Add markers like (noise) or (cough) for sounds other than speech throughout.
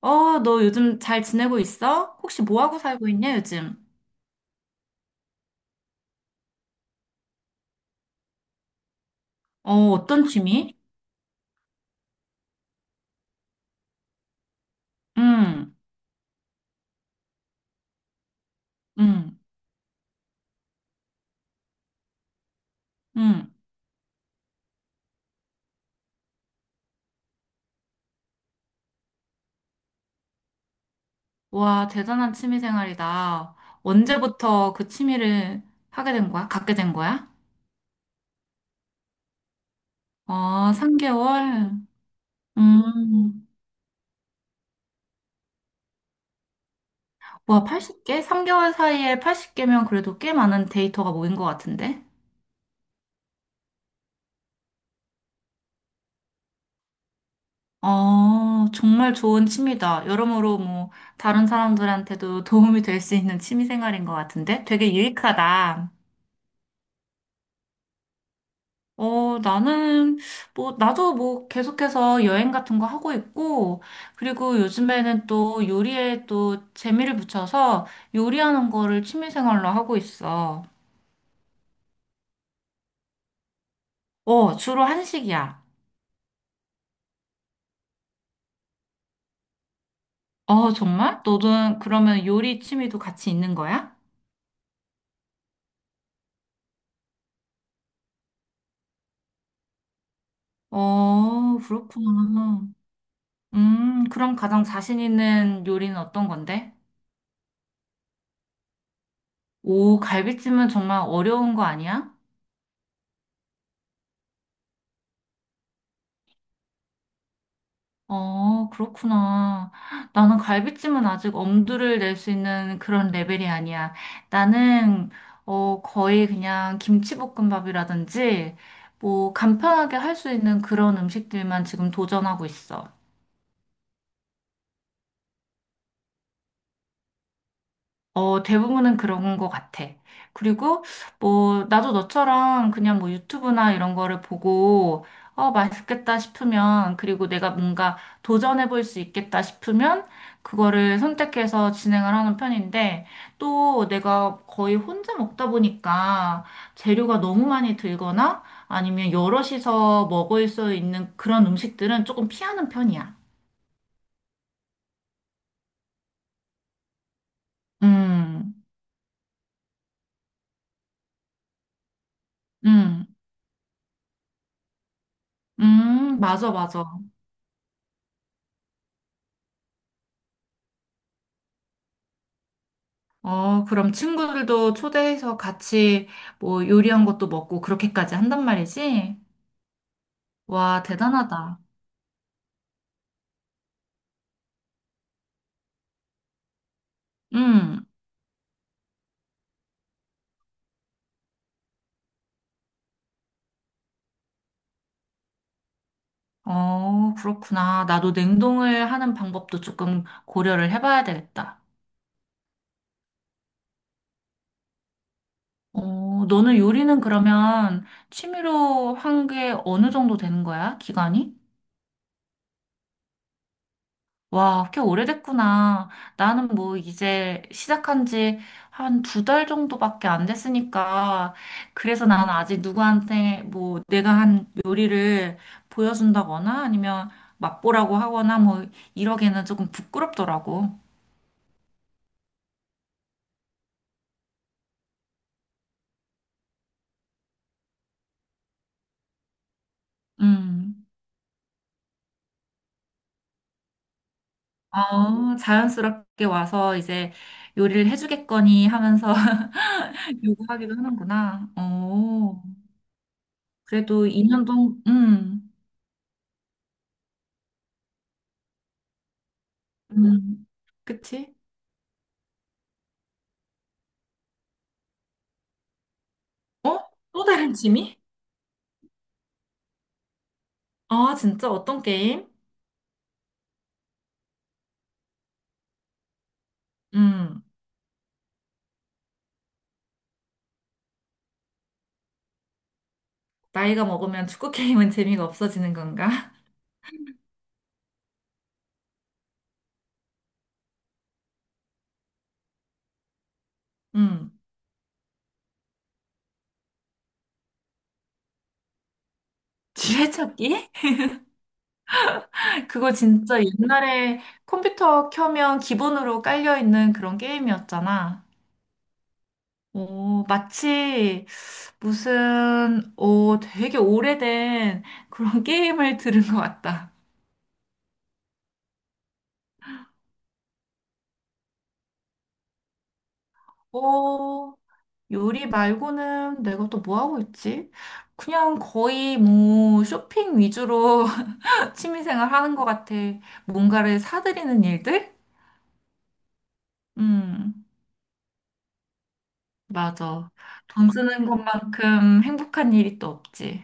어, 너 요즘 잘 지내고 있어? 혹시 뭐 하고 살고 있냐, 요즘? 어, 어떤 취미? 응, 응, 응. 와, 대단한 취미 생활이다. 언제부터 그 취미를 하게 된 거야? 갖게 된 거야? 어, 3개월? 음, 와, 80개? 3개월 사이에 80개면 그래도 꽤 많은 데이터가 모인 것 같은데? 어, 정말 좋은 취미다. 여러모로 뭐, 다른 사람들한테도 도움이 될 수 있는 취미 생활인 것 같은데? 되게 유익하다. 어, 나는, 뭐, 나도 뭐, 계속해서 여행 같은 거 하고 있고, 그리고 요즘에는 또 요리에 또 재미를 붙여서 요리하는 거를 취미생활로 하고 있어. 어, 주로 한식이야. 어, 정말? 너는 그러면 요리 취미도 같이 있는 거야? 어, 그렇구나. 그럼 가장 자신 있는 요리는 어떤 건데? 오, 갈비찜은 정말 어려운 거 아니야? 어, 그렇구나. 나는 갈비찜은 아직 엄두를 낼 수 있는 그런 레벨이 아니야. 나는, 어, 거의 그냥 김치볶음밥이라든지, 뭐, 간편하게 할 수 있는 그런 음식들만 지금 도전하고 있어. 어, 대부분은 그런 것 같아. 그리고 뭐 나도 너처럼 그냥 뭐 유튜브나 이런 거를 보고 어, 맛있겠다 싶으면 그리고 내가 뭔가 도전해 볼 수 있겠다 싶으면 그거를 선택해서 진행을 하는 편인데 또 내가 거의 혼자 먹다 보니까 재료가 너무 많이 들거나 아니면 여럿이서 먹을 수 있는 그런 음식들은 조금 피하는 편이야. 음, 음, 맞아, 맞아. 어, 그럼 친구들도 초대해서 같이 뭐 요리한 것도 먹고 그렇게까지 한단 말이지? 와, 대단하다. 응. 어, 그렇구나. 나도 냉동을 하는 방법도 조금 고려를 해봐야 되겠다. 어, 너는 요리는 그러면 취미로 한 게 어느 정도 되는 거야? 기간이? 와, 꽤 오래됐구나. 나는 뭐 이제 시작한 지 한 두 달 정도밖에 안 됐으니까. 그래서 나는 아직 누구한테 뭐 내가 한 요리를 보여준다거나 아니면 맛보라고 하거나 뭐 이러기에는 조금 부끄럽더라고. 음. 어, 자연스럽게 와서 이제 요리를 해주겠거니 하면서 (laughs) 요구하기도 하는구나. 어, 그래도 2년 동안, 음, 그치? 어? 또 다른 취미? 아, 진짜? 어떤 게임? 음, 나이가 먹으면 축구 (laughs) 게임은 재미가 없어지는 건가? 음, 지뢰찾기? (laughs) 그거 진짜 옛날에 컴퓨터 켜면 기본으로 깔려있는 그런 게임이었잖아. 오, 마치 무슨, 오, 되게 오래된 그런 (laughs) 게임을 들은 것 같다. 오, 요리 말고는 내가 또 뭐 하고 있지? 그냥 거의 뭐 쇼핑 위주로 취미생활 하는 것 같아. 뭔가를 사들이는 일들? 음, 맞아. 돈 쓰는 것만큼 행복한 일이 또 없지.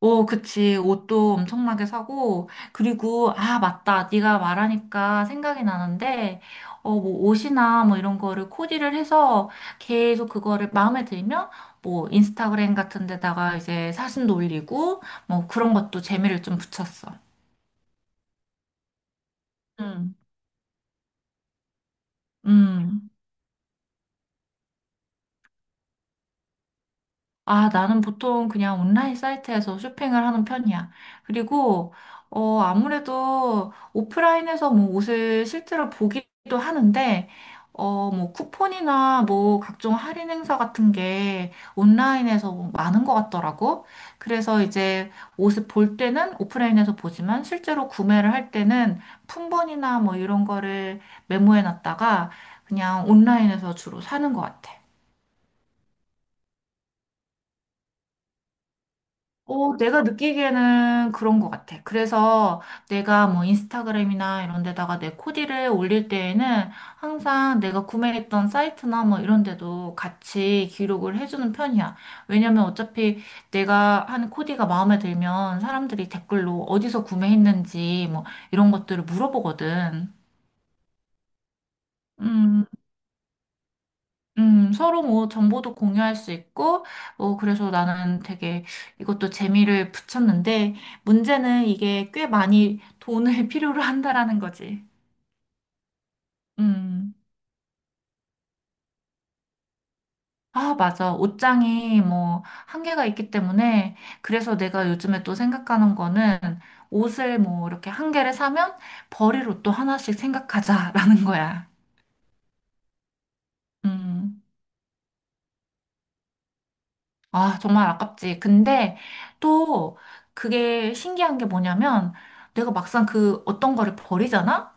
오, 그치. 옷도 엄청나게 사고. 그리고, 아, 맞다. 네가 말하니까 생각이 나는데, 어, 뭐, 옷이나 뭐 이런 거를 코디를 해서 계속 그거를 마음에 들면, 뭐, 인스타그램 같은 데다가 이제 사진도 올리고, 뭐, 그런 것도 재미를 좀 붙였어. 음, 음. 아, 나는 보통 그냥 온라인 사이트에서 쇼핑을 하는 편이야. 그리고, 어, 아무래도 오프라인에서 뭐 옷을 실제로 보기도 하는데, 어, 뭐 쿠폰이나 뭐 각종 할인 행사 같은 게 온라인에서 뭐 많은 것 같더라고. 그래서 이제 옷을 볼 때는 오프라인에서 보지만 실제로 구매를 할 때는 품번이나 뭐 이런 거를 메모해 놨다가 그냥 온라인에서 주로 사는 것 같아. 어, 내가 느끼기에는 그런 것 같아. 그래서 내가 뭐 인스타그램이나 이런 데다가 내 코디를 올릴 때에는 항상 내가 구매했던 사이트나 뭐 이런 데도 같이 기록을 해주는 편이야. 왜냐면 어차피 내가 한 코디가 마음에 들면 사람들이 댓글로 어디서 구매했는지 뭐 이런 것들을 물어보거든. 음. 서로 뭐 정보도 공유할 수 있고, 뭐 그래서 나는 되게 이것도 재미를 붙였는데, 문제는 이게 꽤 많이 돈을 (laughs) 필요로 한다라는 거지. 음. 아, 맞아. 옷장이 뭐 한계가 있기 때문에, 그래서 내가 요즘에 또 생각하는 거는 옷을 뭐 이렇게 한 개를 사면 버릴 옷도 하나씩 생각하자라는 거야. 음. 아, 정말 아깝지. 근데 또 그게 신기한 게 뭐냐면 내가 막상 그 어떤 거를 버리잖아?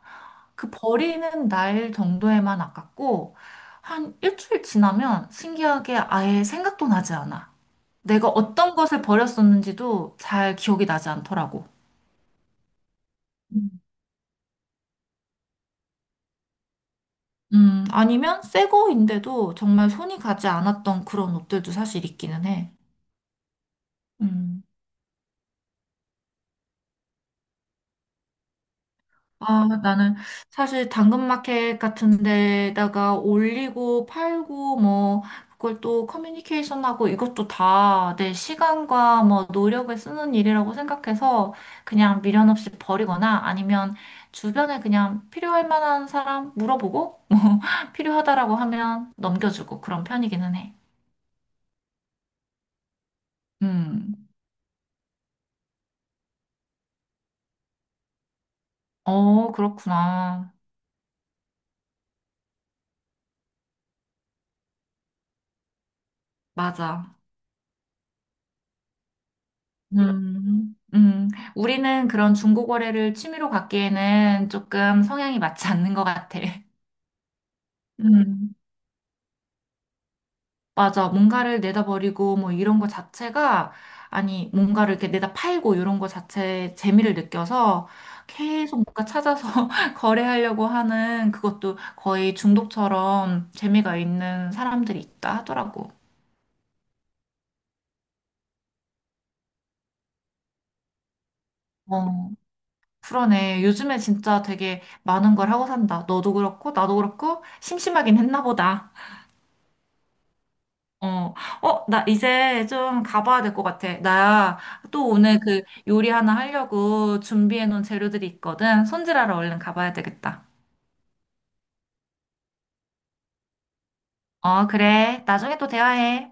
그 버리는 날 정도에만 아깝고 한 일주일 지나면 신기하게 아예 생각도 나지 않아. 내가 어떤 것을 버렸었는지도 잘 기억이 나지 않더라고. 음, 아니면 새 거인데도 정말 손이 가지 않았던 그런 옷들도 사실 있기는 해. 음. 아, 나는 사실 당근마켓 같은 데다가 올리고 팔고 뭐 그걸 또 커뮤니케이션하고 이것도 다 내 시간과 뭐 노력을 쓰는 일이라고 생각해서 그냥 미련 없이 버리거나 아니면 주변에 그냥 필요할 만한 사람 물어보고 (laughs) 뭐 필요하다라고 하면 넘겨주고 그런 편이기는 해. 음. 어, 그렇구나. 맞아. 음, 음. 우리는 그런 중고 거래를 취미로 갖기에는 조금 성향이 맞지 않는 것 같아. 음, 맞아. 뭔가를 내다버리고 뭐 이런 거 자체가 아니, 뭔가를 이렇게 내다 팔고 이런 거 자체에 재미를 느껴서 계속 뭔가 찾아서 (laughs) 거래하려고 하는 그것도 거의 중독처럼 재미가 있는 사람들이 있다 하더라고. 어, 그러네. 요즘에 진짜 되게 많은 걸 하고 산다. 너도 그렇고, 나도 그렇고, 심심하긴 했나 보다. 어, 어, 나 이제 좀 가봐야 될 것 같아. 나 또 오늘 그 요리 하나 하려고 준비해 놓은 재료들이 있거든. 손질하러 얼른 가봐야 되겠다. 어, 그래. 나중에 또 대화해.